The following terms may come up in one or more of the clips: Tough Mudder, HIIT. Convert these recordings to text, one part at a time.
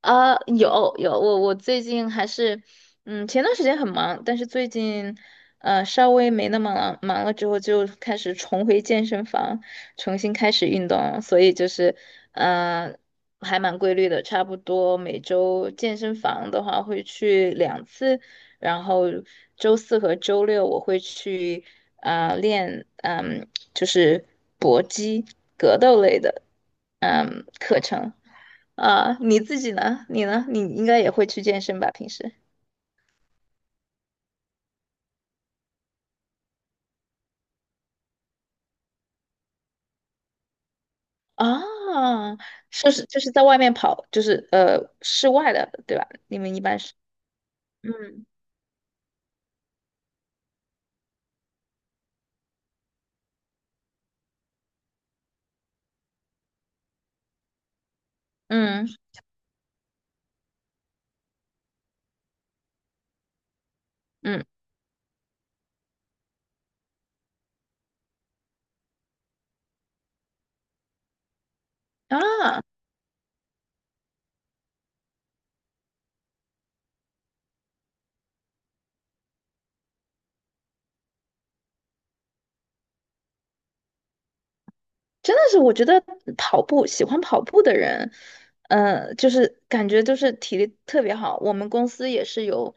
啊，有，我最近还是，前段时间很忙，但是最近，稍微没那么忙了之后，就开始重回健身房，重新开始运动了。所以就是，呃，还蛮规律的，差不多每周健身房的话会去两次，然后周四和周六我会去，啊，练，嗯，就是搏击、格斗类的，课程。啊，你自己呢？你呢？你应该也会去健身吧？平时啊，是就是在外面跑，就是室外的，对吧？你们一般是。嗯嗯嗯。啊。真的是，我觉得跑步喜欢跑步的人，就是感觉就是体力特别好。我们公司也是有，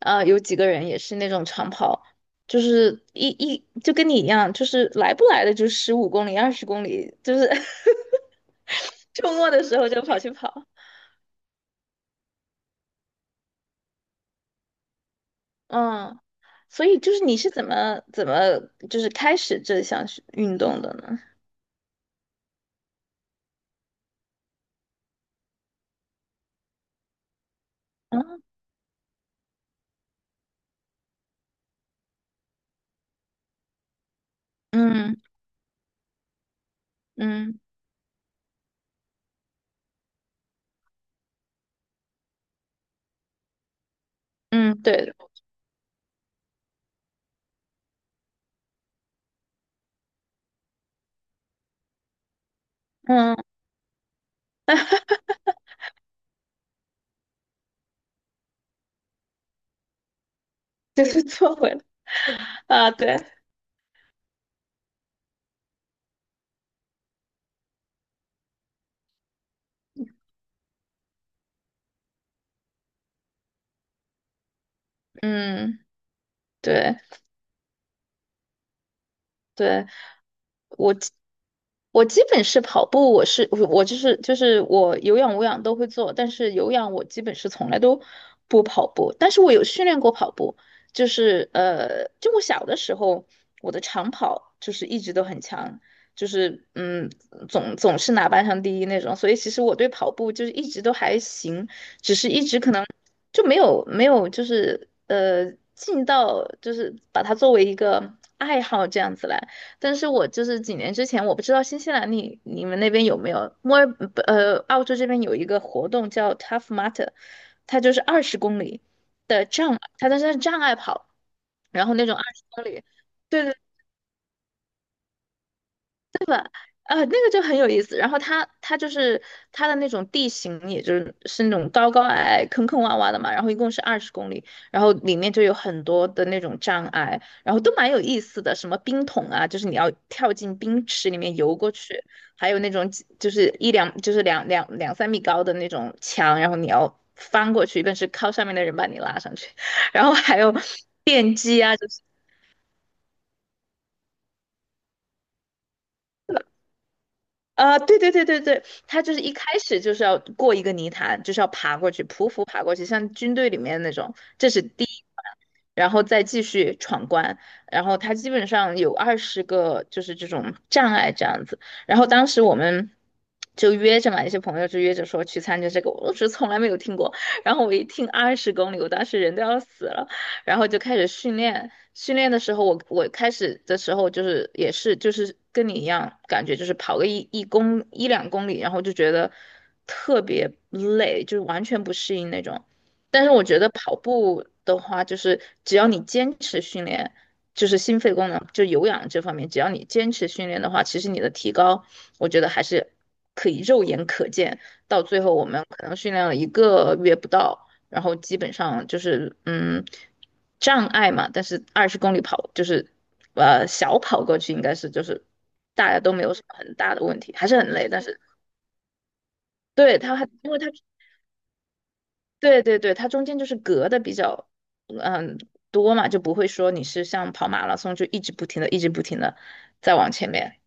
啊，有几个人也是那种长跑，就是就跟你一样，就是来不来的就15公里、二十公里，就是 周末的时候就跑去跑。嗯，所以就是你是怎么就是开始这项是运动的呢？嗯嗯嗯嗯，对，嗯，就是做回来。啊，对。嗯，对对，我基我基本是跑步，我是我就是我有氧无氧都会做，但是有氧我基本是从来都不跑步，但是我有训练过跑步，就是就我小的时候我的长跑就是一直都很强，就是嗯总是拿班上第一那种，所以其实我对跑步就是一直都还行，就没有就是尽到就是把它作为一个爱好这样子来。但是我就是几年之前，我不知道新西兰你你们那边有没有墨尔不澳洲这边有一个活动叫 Tough Mudder，它就是二十公里的障，它但是它是障碍跑，然后那种二十公里。对对。那个就很有意思。然后它就是它的那种地形，也就是是那种高高矮、坑坑洼洼的嘛。然后一共是二十公里，然后里面就有很多的那种障碍，然后都蛮有意思的。什么冰桶啊，就是你要跳进冰池里面游过去，还有那种几就是一两就是两两三米高的那种墙，然后你要翻过去，但是靠上面的人把你拉上去。然后还有电机啊，就是。啊、对对对对对，他就是一开始就是要过一个泥潭，就是要爬过去，匍匐爬过去，像军队里面那种，这是第一关，然后再继续闯关，然后他基本上有20个就是这种障碍这样子，然后当时我们就约着嘛，一些朋友就约着说去参加这个，我是从来没有听过，然后我一听二十公里，我当时人都要死了，然后就开始训练。训练的时候，我开始的时候就是也是就是跟你一样，感觉就是跑个一两公里，然后就觉得特别累，就是完全不适应那种。但是我觉得跑步的话，就是只要你坚持训练，就是心肺功能就有氧这方面，只要你坚持训练的话，其实你的提高，我觉得还是可以肉眼可见。到最后，我们可能训练了一个月不到。然后基本上就是嗯障碍嘛，但是二十公里跑就是小跑过去应该是就是大家都没有什么很大的问题，还是很累，但是对它还因为它对对对，它中间就是隔的比较嗯多嘛，就不会说你是像跑马拉松就一直不停的一直不停的再往前面。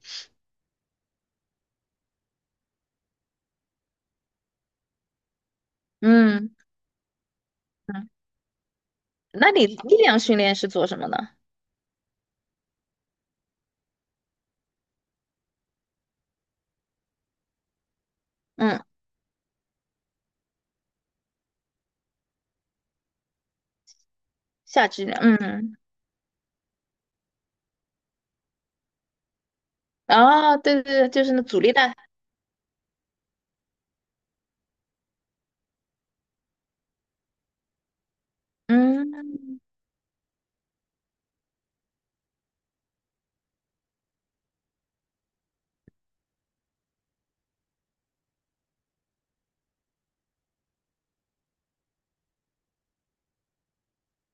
嗯嗯。那你力量训练是做什么呢？嗯，下肢力量，嗯。啊，对对对，就是那阻力带。嗯。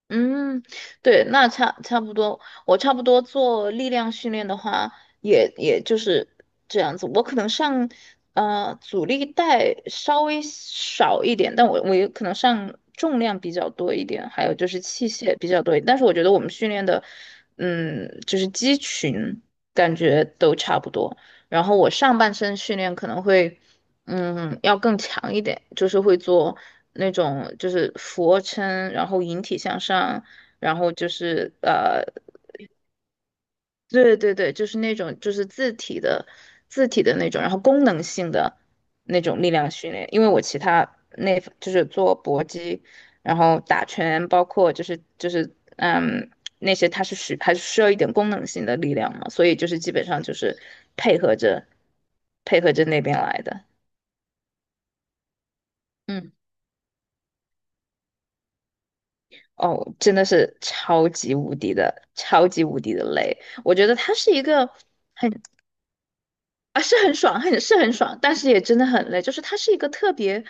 嗯，对，那差不多，我差不多做力量训练的话，也就是这样子。我可能上阻力带稍微少一点，但我也可能上重量比较多一点，还有就是器械比较多一点。但是我觉得我们训练的，嗯，就是肌群感觉都差不多。然后我上半身训练可能会。嗯，要更强一点，就是会做那种就是俯卧撑，然后引体向上，然后就是对对对，就是那种就是自体的那种，然后功能性的那种力量训练。因为我其他那就是做搏击，然后打拳，包括就是嗯那些，它是需还是需要一点功能性的力量嘛，所以就是基本上就是配合着配合着那边来的。嗯。哦，真的是超级无敌的，超级无敌的累。我觉得它是一个啊，是很爽，很爽，但是也真的很累。就是它是一个特别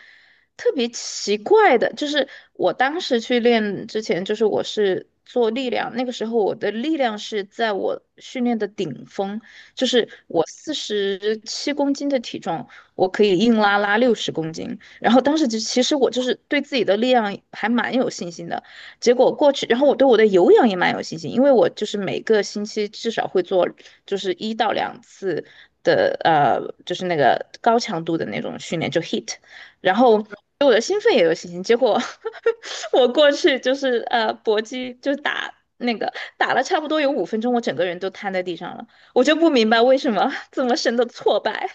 特别奇怪的，就是我当时去练之前，就是我是做力量，那个时候我的力量是在我训练的顶峰，就是我47公斤的体重，我可以硬拉60公斤。然后当时就其实我就是对自己的力量还蛮有信心的。结果过去，然后我对我的有氧也蛮有信心，因为我就是每个星期至少会做就是一到两次的就是那个高强度的那种训练，就 HIIT，然后对我的兴奋也有信心。结果 我过去就是搏击就打那个打了差不多有5分钟，我整个人都瘫在地上了，我就不明白为什么这么深的挫败。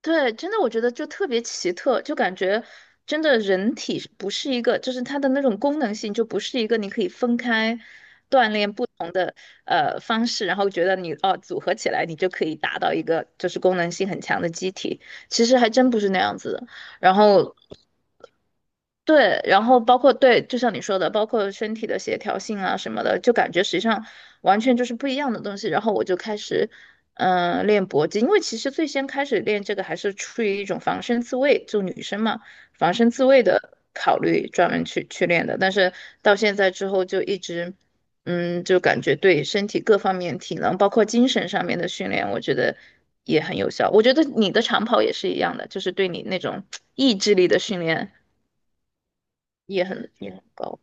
对，真的我觉得就特别奇特，就感觉真的人体是不是一个，就是它的那种功能性就不是一个你可以分开锻炼不同的方式，然后觉得你哦组合起来你就可以达到一个就是功能性很强的机体，其实还真不是那样子的。然后对，然后包括对，就像你说的，包括身体的协调性啊什么的，就感觉实际上完全就是不一样的东西。然后我就开始，嗯、练搏击，因为其实最先开始练这个还是出于一种防身自卫，就女生嘛，防身自卫的考虑，专门去练的。但是到现在之后就一直，嗯，就感觉对身体各方面、体能，包括精神上面的训练，我觉得也很有效。我觉得你的长跑也是一样的，就是对你那种意志力的训练。也很高。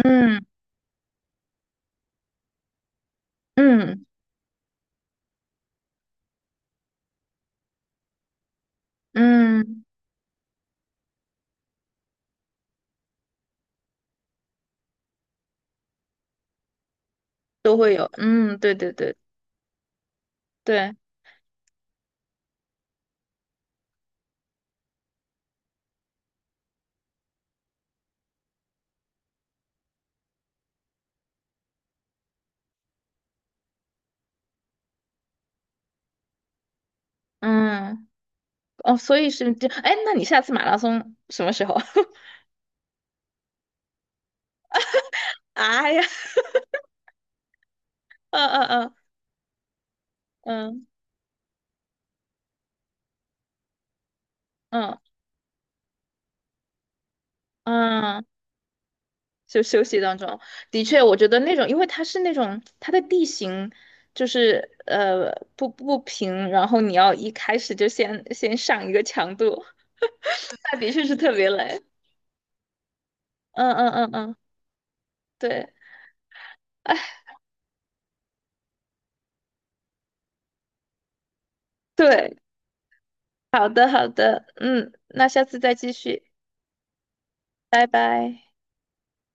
嗯嗯嗯，都会有，嗯，对对对对，嗯。哦，所以是这，哎，那你下次马拉松什么时候？哎呀，嗯嗯嗯嗯嗯嗯，就休息当中，的确，我觉得那种，因为它是那种它的地形就是不平，然后你要一开始就先上一个强度，那的确是特别累，嗯嗯嗯嗯，对。哎对，好的，好的，嗯，那下次再继续，拜拜。